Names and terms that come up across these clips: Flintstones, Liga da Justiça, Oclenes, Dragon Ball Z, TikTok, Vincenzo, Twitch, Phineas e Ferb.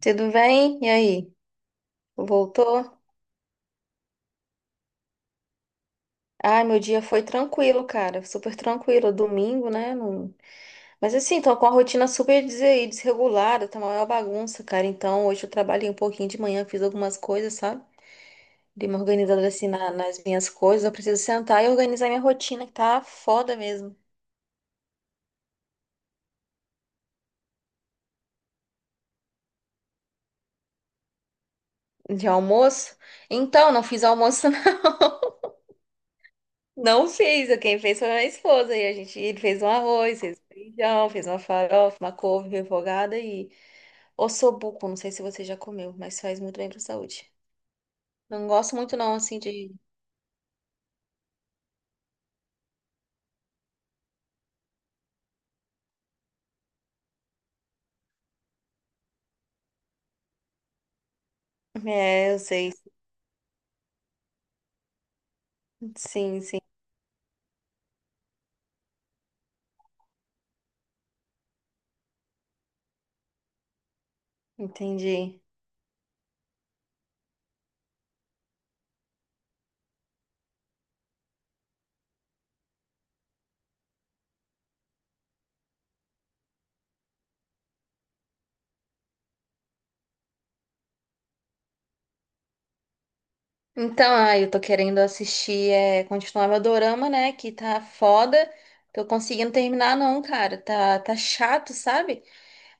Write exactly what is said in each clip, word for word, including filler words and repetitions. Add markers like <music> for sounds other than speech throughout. Tudo bem? E aí? Voltou? Ai, meu dia foi tranquilo, cara. Super tranquilo. Domingo, né? Não- Mas assim, tô com a rotina super des- desregulada, tá uma maior bagunça, cara. Então, hoje eu trabalhei um pouquinho de manhã, fiz algumas coisas, sabe? Dei uma organizada assim na- nas minhas coisas. Eu preciso sentar e organizar minha rotina, que tá foda mesmo. De almoço? Então, não fiz almoço, <laughs> não. Não fiz. Quem fez foi minha esposa. E a gente ele fez um arroz, fez um feijão, fez uma farofa, uma couve refogada e. Ossobuco, não sei se você já comeu, mas faz muito bem pra saúde. Não gosto muito não, assim, de... É, eu sei. Sim, sim, entendi. Então, ah, eu tô querendo assistir, é, continuar meu dorama, né, que tá foda. Tô conseguindo terminar não, cara. Tá, tá chato, sabe?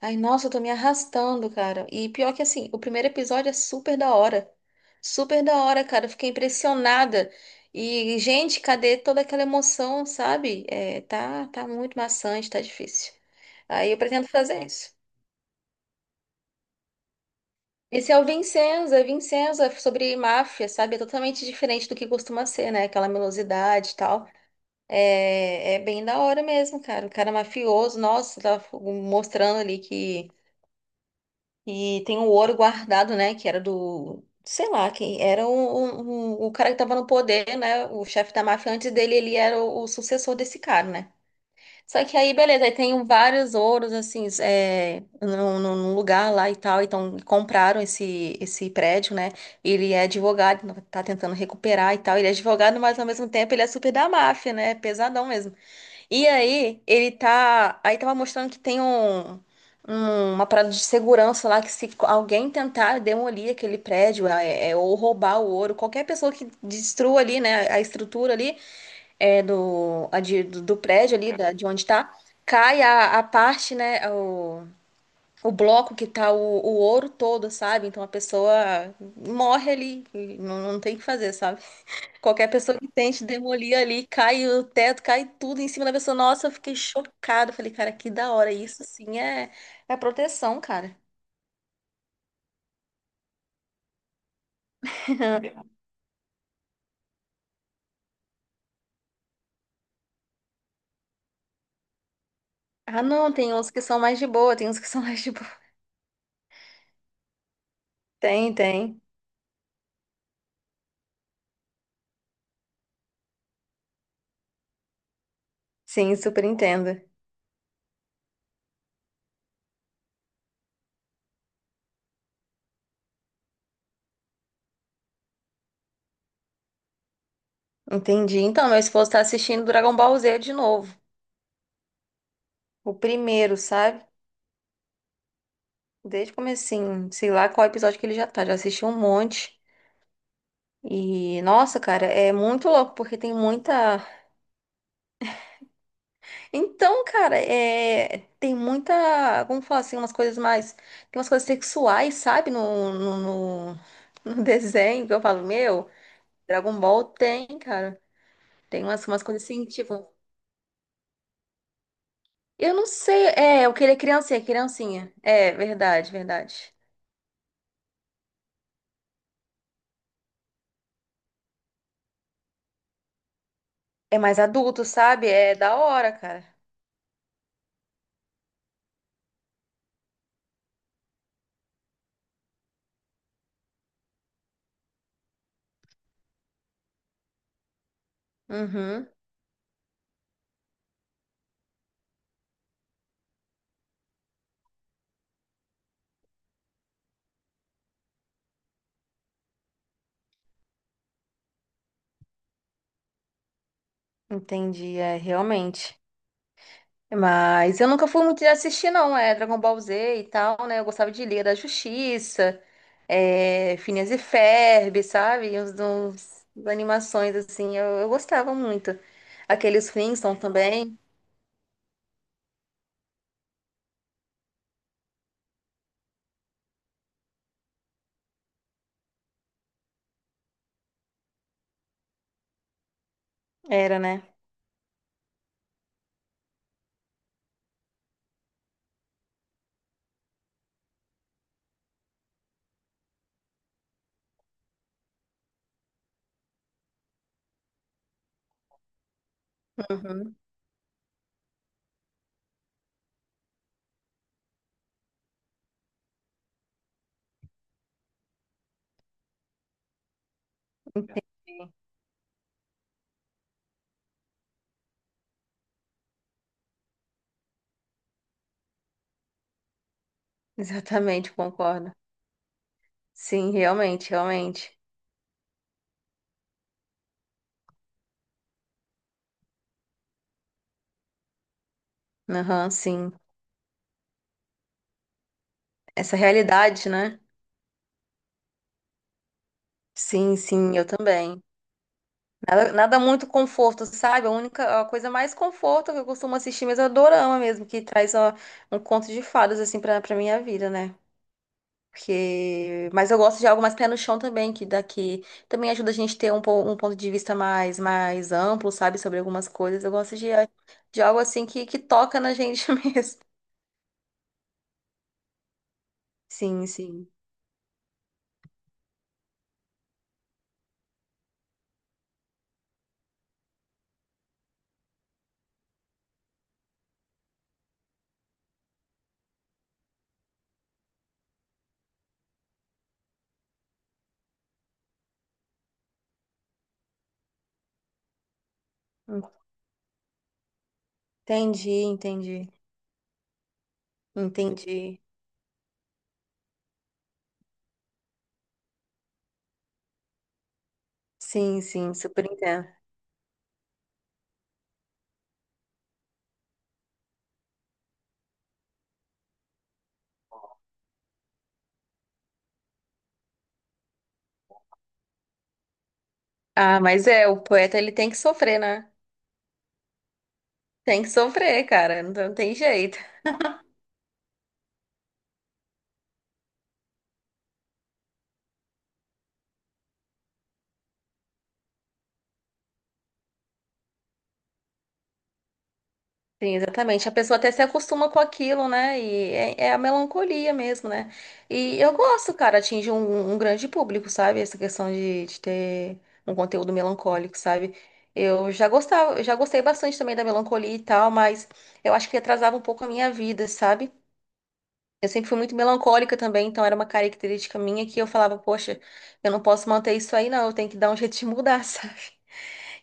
Ai, nossa, eu tô me arrastando, cara. E pior que assim, o primeiro episódio é super da hora. Super da hora, cara. Eu fiquei impressionada. E, gente, cadê toda aquela emoção, sabe? É, tá, tá muito maçante, tá difícil. Aí eu pretendo fazer isso. Esse é o Vincenzo, é Vincenzo, é sobre máfia, sabe? É totalmente diferente do que costuma ser, né? Aquela melosidade e tal. É, é bem da hora mesmo, cara. O cara mafioso, nossa, tá mostrando ali que e tem o ouro guardado, né? Que era do. Sei lá, quem era o, o, o cara que tava no poder, né? O chefe da máfia antes dele, ele era o, o sucessor desse cara, né? Só que aí, beleza, aí tem vários ouros, assim, é, num, num- num lugar lá e tal. Então, compraram esse, esse prédio, né? Ele é advogado, tá tentando recuperar e tal. Ele é advogado, mas ao mesmo tempo ele é super da máfia, né? Pesadão mesmo. E aí, ele tá. Aí tava mostrando que tem um, um- uma parada de segurança lá que se alguém tentar demolir aquele prédio é, é, ou roubar o ouro, qualquer pessoa que destrua ali, né, a estrutura ali é, do, a de- do, do prédio ali, da, de onde tá, cai a, a parte, né, o, o bloco que tá o, o ouro todo, sabe? Então a pessoa morre ali, e não, não tem o que fazer, sabe? Qualquer pessoa que tente demolir ali, cai o teto, cai tudo em cima da pessoa. Nossa, eu fiquei chocada. Falei, cara, que da hora. Isso sim é, é proteção, cara. Ah, não, tem uns que são mais de boa, tem uns que <laughs> são mais de boa. Tem, tem. Sim, super entendo. Entendi. Então, meu esposo tá assistindo Dragon Ball Z de novo. O primeiro, sabe? Desde o comecinho. Sei lá qual episódio que ele já tá. Já assistiu um monte. E, nossa, cara, é muito louco, porque tem muita. Então, cara, é, tem muita, vamos falar assim, umas coisas mais, tem umas coisas sexuais, sabe, no, no, no- no <laughs> desenho, que eu falo, meu, Dragon Ball tem, cara, tem umas, umas coisas assim, tipo, eu não sei, é, eu queria criancinha, criancinha, é, verdade, verdade, é mais adulto, sabe, é da hora, cara, uhum, entendi, é, realmente. Mas eu nunca fui muito de assistir, não. É Dragon Ball Z e tal, né? Eu gostava de Liga da Justiça, é, Phineas e Ferb, sabe? Uns, uns- uns as animações, assim, eu, eu gostava muito. Aqueles Flintstones também. Era, né? Uhum. Entendi. <laughs> Exatamente, concordo. Sim, realmente, realmente. Aham, sim. Essa realidade, né? Sim, sim, eu também. Nada, nada muito conforto, sabe? A única, a coisa mais conforto que eu costumo assistir mesmo é dorama mesmo, que traz ó, um conto de fadas, assim, pra, pra minha vida, né? Porque... Mas eu gosto de algo mais pé no chão também, que daqui também ajuda a gente a ter um, po- um ponto de vista mais, mais amplo, sabe? Sobre algumas coisas. Eu gosto de, de algo assim que, que toca na gente <laughs> mesmo. Sim, sim. Entendi, entendi. Entendi. Sim, sim, super entendo. Ah, mas é, o poeta ele tem que sofrer, né? Tem que sofrer, cara, não tem não tem jeito. Sim, exatamente. A pessoa até se acostuma com aquilo, né? E é, é a melancolia mesmo, né? E eu gosto, cara, atinge um, um grande público, sabe? Essa questão de, de ter um conteúdo melancólico, sabe? Eu já gostava, eu já gostei bastante também da melancolia e tal, mas eu acho que atrasava um pouco a minha vida, sabe? Eu sempre fui muito melancólica também, então era uma característica minha que eu falava, poxa, eu não posso manter isso aí, não, eu tenho que dar um jeito de mudar, <laughs> sabe?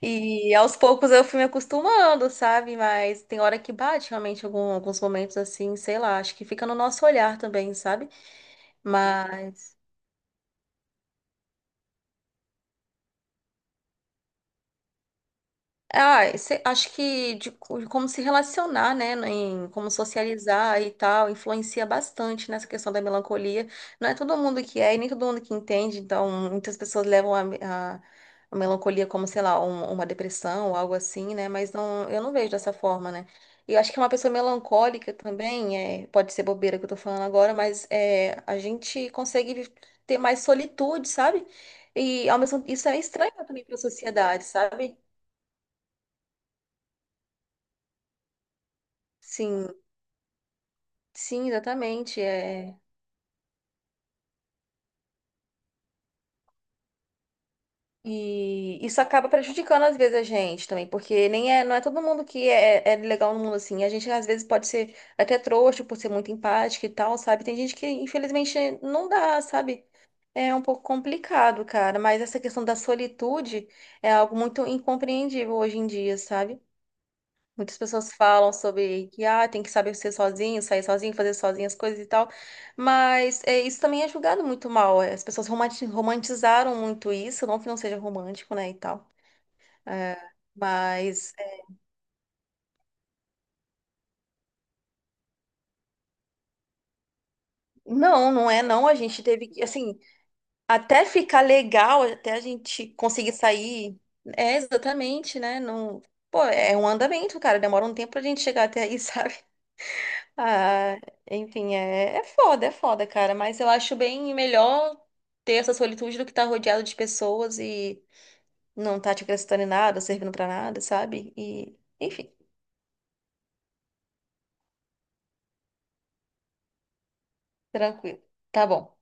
E aos poucos eu fui me acostumando, sabe? Mas tem hora que bate realmente algum- alguns momentos assim, sei lá, acho que fica no nosso olhar também, sabe? Mas ah, cê- acho que de, co- de como se relacionar, né, no- em como socializar e tal, influencia bastante nessa questão da melancolia. Não é todo mundo que é e nem todo mundo que entende, então muitas pessoas levam a, me- a- a melancolia como, sei lá, um- uma depressão ou algo assim, né, mas não, eu não vejo dessa forma, né. E eu acho que uma pessoa melancólica também, é, pode ser bobeira que eu tô falando agora, mas é, a gente consegue vi- ter mais solitude, sabe? E ao mesmo isso é estranho também para a sociedade, sabe? Sim. Sim, exatamente. É. E isso acaba prejudicando às vezes a gente também, porque nem é, não é todo mundo que é, é legal no mundo assim. A gente às vezes pode ser até trouxa por ser muito empática e tal, sabe? Tem gente que infelizmente não dá, sabe? É um pouco complicado, cara, mas essa questão da solitude é algo muito incompreendível hoje em dia, sabe? Muitas pessoas falam sobre que ah, tem que saber ser sozinho, sair sozinho, fazer sozinho as coisas e tal, mas é, isso também é julgado muito mal. É, as pessoas romanti- romantizaram muito isso, não que não seja romântico, né, e tal. É, mas é, não, não é não. A gente teve que, assim, até ficar legal, até a gente conseguir sair, é exatamente, né? Não, pô, é um andamento, cara. Demora um tempo pra gente chegar até aí, <laughs> sabe? Ah, enfim, é, é foda, é foda, cara. Mas eu acho bem melhor ter essa solitude do que estar rodeado de pessoas e não tá te acrescentando em nada, servindo pra nada, sabe? E, enfim, tranquilo. Tá bom.